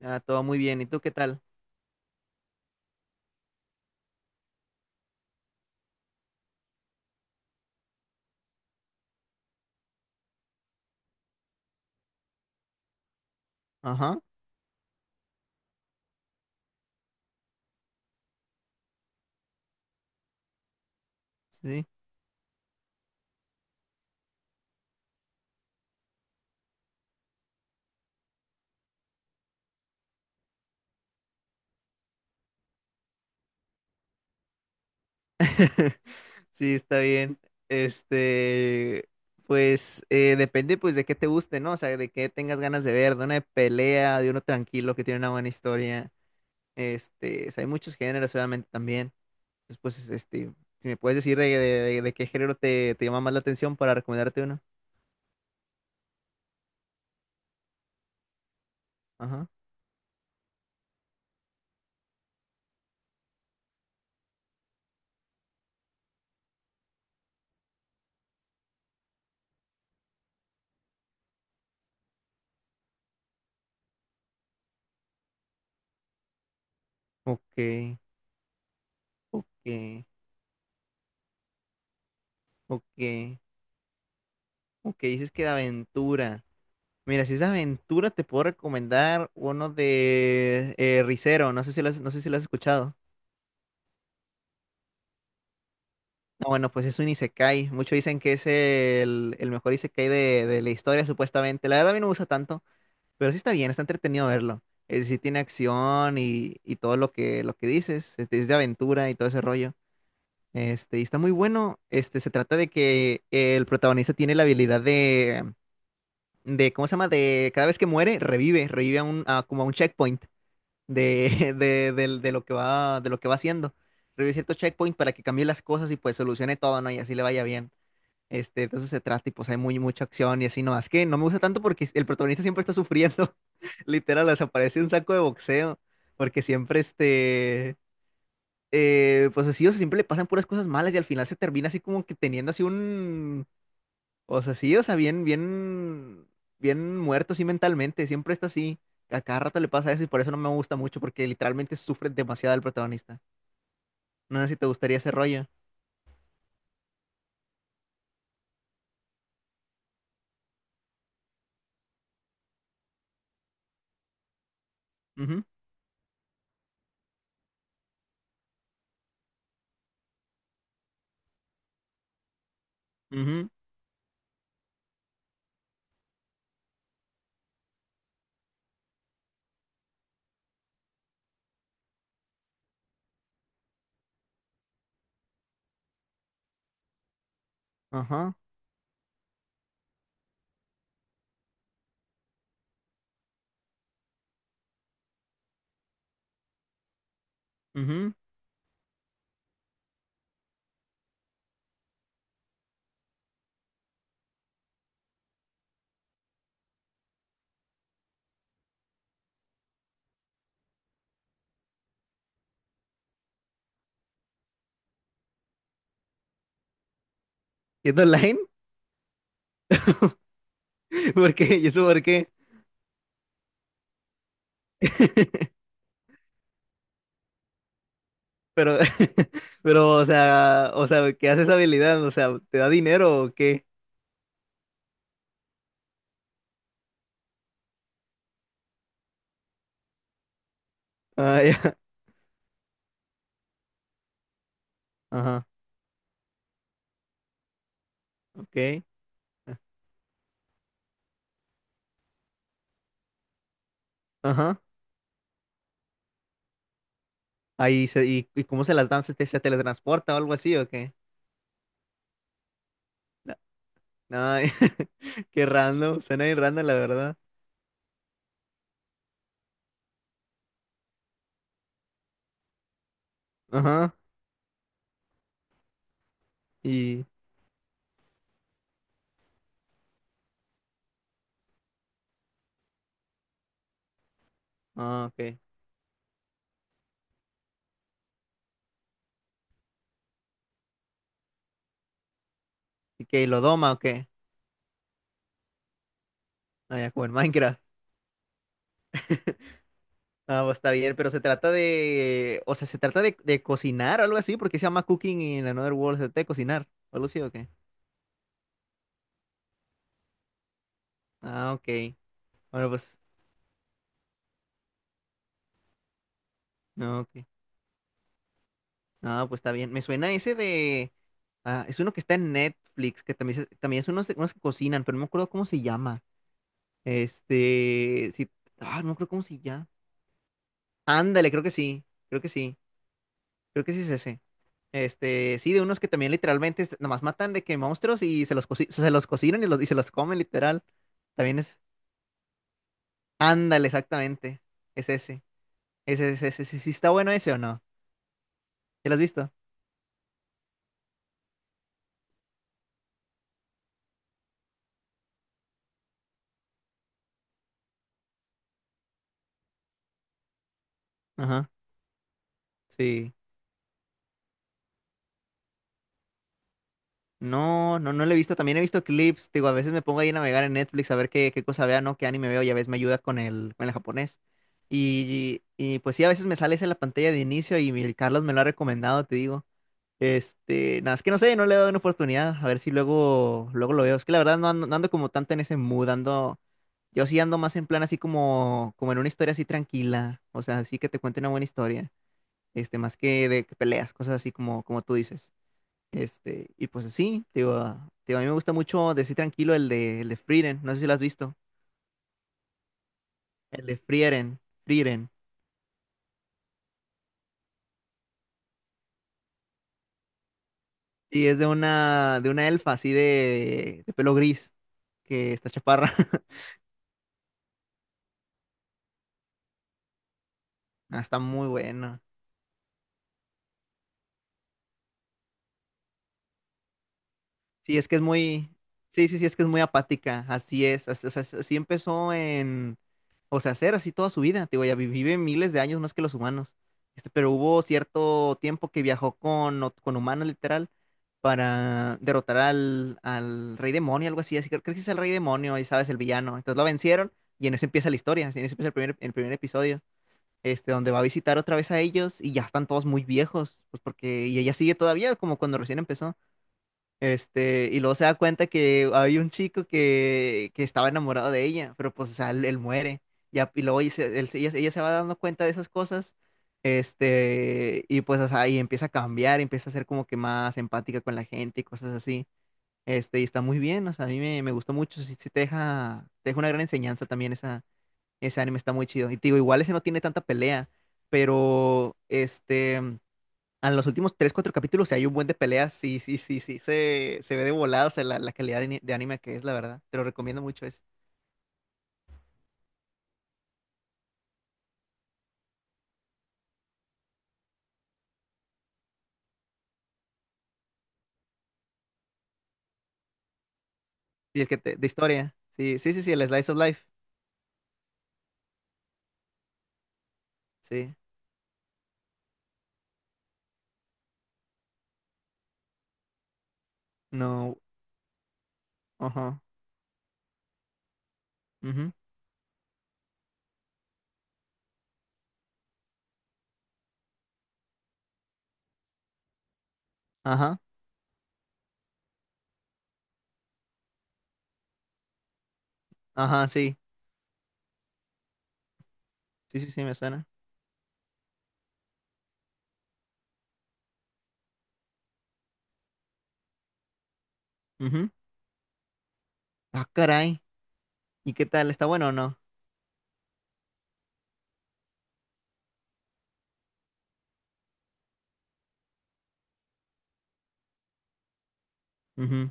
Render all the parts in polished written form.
Ah, todo muy bien. ¿Y tú qué tal? Ajá, sí. Sí, está bien. Este, pues depende pues de qué te guste, ¿no? O sea, de qué tengas ganas de ver, de una de pelea, de uno tranquilo que tiene una buena historia. Este, o sea, hay muchos géneros obviamente también. Después, si me puedes decir de qué género te llama más la atención para recomendarte uno. Ajá. Ok, ok, ok, ok. Dices que de aventura. Mira, si es aventura, te puedo recomendar uno de Rizero. No sé si lo has escuchado. No, bueno, pues es un isekai. Muchos dicen que es el mejor isekai de la historia, supuestamente. La verdad, a mí no me gusta tanto, pero sí está bien, está entretenido verlo. Sí tiene acción y todo lo lo que dices. Es de aventura y todo ese rollo. Este, y está muy bueno. Este, se trata de que el protagonista tiene la habilidad ¿cómo se llama? De cada vez que muere, revive a como a un checkpoint de lo que va, de lo que va haciendo. Revise ciertos checkpoints para que cambie las cosas y pues solucione todo, ¿no? Y así le vaya bien. Este, de eso se trata y pues hay mucha acción y así, no, es que no me gusta tanto porque el protagonista siempre está sufriendo. Literal, desaparece un saco de boxeo, porque siempre pues así, o sea, siempre le pasan puras cosas malas y al final se termina así como que teniendo así un, o sea, sí, o sea, bien muerto, sí, mentalmente, siempre está así. A cada rato le pasa eso y por eso no me gusta mucho, porque literalmente sufre demasiado el protagonista. No sé si te gustaría ese rollo. Ujú, ujú, ajá, ujú. ¿Yendo online? ¿Por qué? ¿Y eso por qué? Pero, pero, o sea, ¿qué hace esa habilidad? O sea, ¿te da dinero o qué? Ah, ya. Ajá, ok, ajá. Y cómo se las dan, se teletransporta o algo así, ¿o qué? No, qué random, suena bien random, la verdad. Ajá, y... Ah, ok. ¿Y qué? ¿Y lo doma o qué? Ah, ya, como en Minecraft. Ah, pues está bien, pero se trata de... O sea, se trata de cocinar o algo así, porque se llama Cooking in Another World, se trata de cocinar, o algo así, o qué. Ah, ok. Bueno, pues... No, ok. No, pues está bien. Me suena ese de... Ah, es uno que está en Netflix, que también, también es unos que cocinan, pero no me acuerdo cómo se llama. Este... Sí, ah, no me acuerdo cómo se llama. Ándale, creo que sí, creo que sí es ese. Este, sí, de unos que también literalmente nomás matan de que monstruos y se se los cocinan y se los comen literal. También es, ándale, exactamente, es ese, ese, sí, sí está bueno ese o no, ¿ya lo has visto? Ajá, sí. No, no, no lo he visto, también he visto clips, digo, a veces me pongo ahí a navegar en Netflix a ver qué, qué cosa vea, ¿no? Qué anime veo y a veces me ayuda con con el japonés. Pues sí, a veces me sale esa en la pantalla de inicio y el Carlos me lo ha recomendado, te digo. Este, nada, es que no sé, no le he dado una oportunidad, a ver si luego, luego lo veo. Es que la verdad no ando como tanto en ese mood, ando, yo sí ando más en plan así como, como en una historia así tranquila, o sea, así que te cuente una buena historia, este, más que de que peleas, cosas así como, como tú dices. Este, y pues así, te digo, a mí me gusta mucho decir tranquilo el el de Frieren, no sé si lo has visto, el de Frieren, Frieren. Sí, es de una elfa así de pelo gris, que está chaparra. Ah, está muy bueno. Sí, es que es muy, sí, es que es muy apática, así es, o sea, así empezó en, o sea, ser así toda su vida, te digo, vive miles de años más que los humanos, este, pero hubo cierto tiempo que viajó con, con humanos literal para derrotar al rey demonio, algo así, así que creo que sí es el rey demonio, y sabes, el villano, entonces lo vencieron y en eso empieza la historia, así, en eso empieza el primer episodio. Este, donde va a visitar otra vez a ellos y ya están todos muy viejos, pues porque, y ella sigue todavía como cuando recién empezó. Este, y luego se da cuenta que hay un chico que estaba enamorado de ella, pero pues, o sea, él muere. Y luego ella, se- él se- ella se va dando cuenta de esas cosas, este, y pues, o sea, y empieza a cambiar, empieza a ser como que más empática con la gente y cosas así. Este, y está muy bien, o sea, me gustó mucho, sí, sí te deja una gran enseñanza también esa, ese anime, está muy chido. Y te digo, igual ese no tiene tanta pelea, pero, en los últimos 3 4 capítulos, si hay un buen de peleas, sí, se ve de volado, o sea, la calidad de anime que es, la verdad. Te lo recomiendo mucho eso. Y el que de historia, sí, el Slice of Life, sí. No, ajá, ujú, ajá, ajá, sí, me suena. Ujú. Ah, caray, ¿y qué tal? ¿Está bueno o no? Ujú,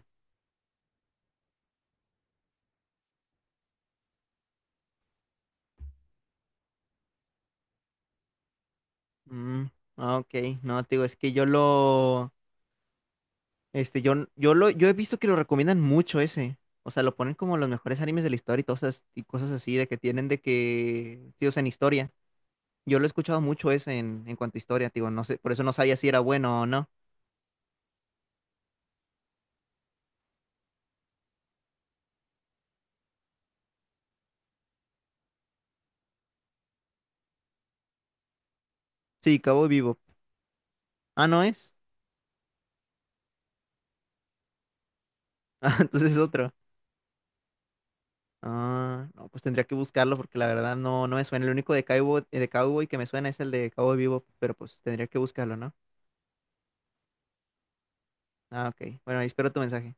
mm, ah, ok, no, te digo, es que yo lo... Este, yo he visto que lo recomiendan mucho ese. O sea, lo ponen como los mejores animes de la historia y todas y cosas así de que tienen de que, sí, o sea, en historia. Yo lo he escuchado mucho ese en cuanto a historia, digo, no sé, por eso no sabía si era bueno o no. Sí, Cabo Vivo. Ah, no es. Ah, entonces es otro. Ah, no, pues tendría que buscarlo porque la verdad no, no me suena. El único de Cowboy que me suena es el de Cabo Vivo, pero pues tendría que buscarlo, ¿no? Ah, ok. Bueno, ahí espero tu mensaje.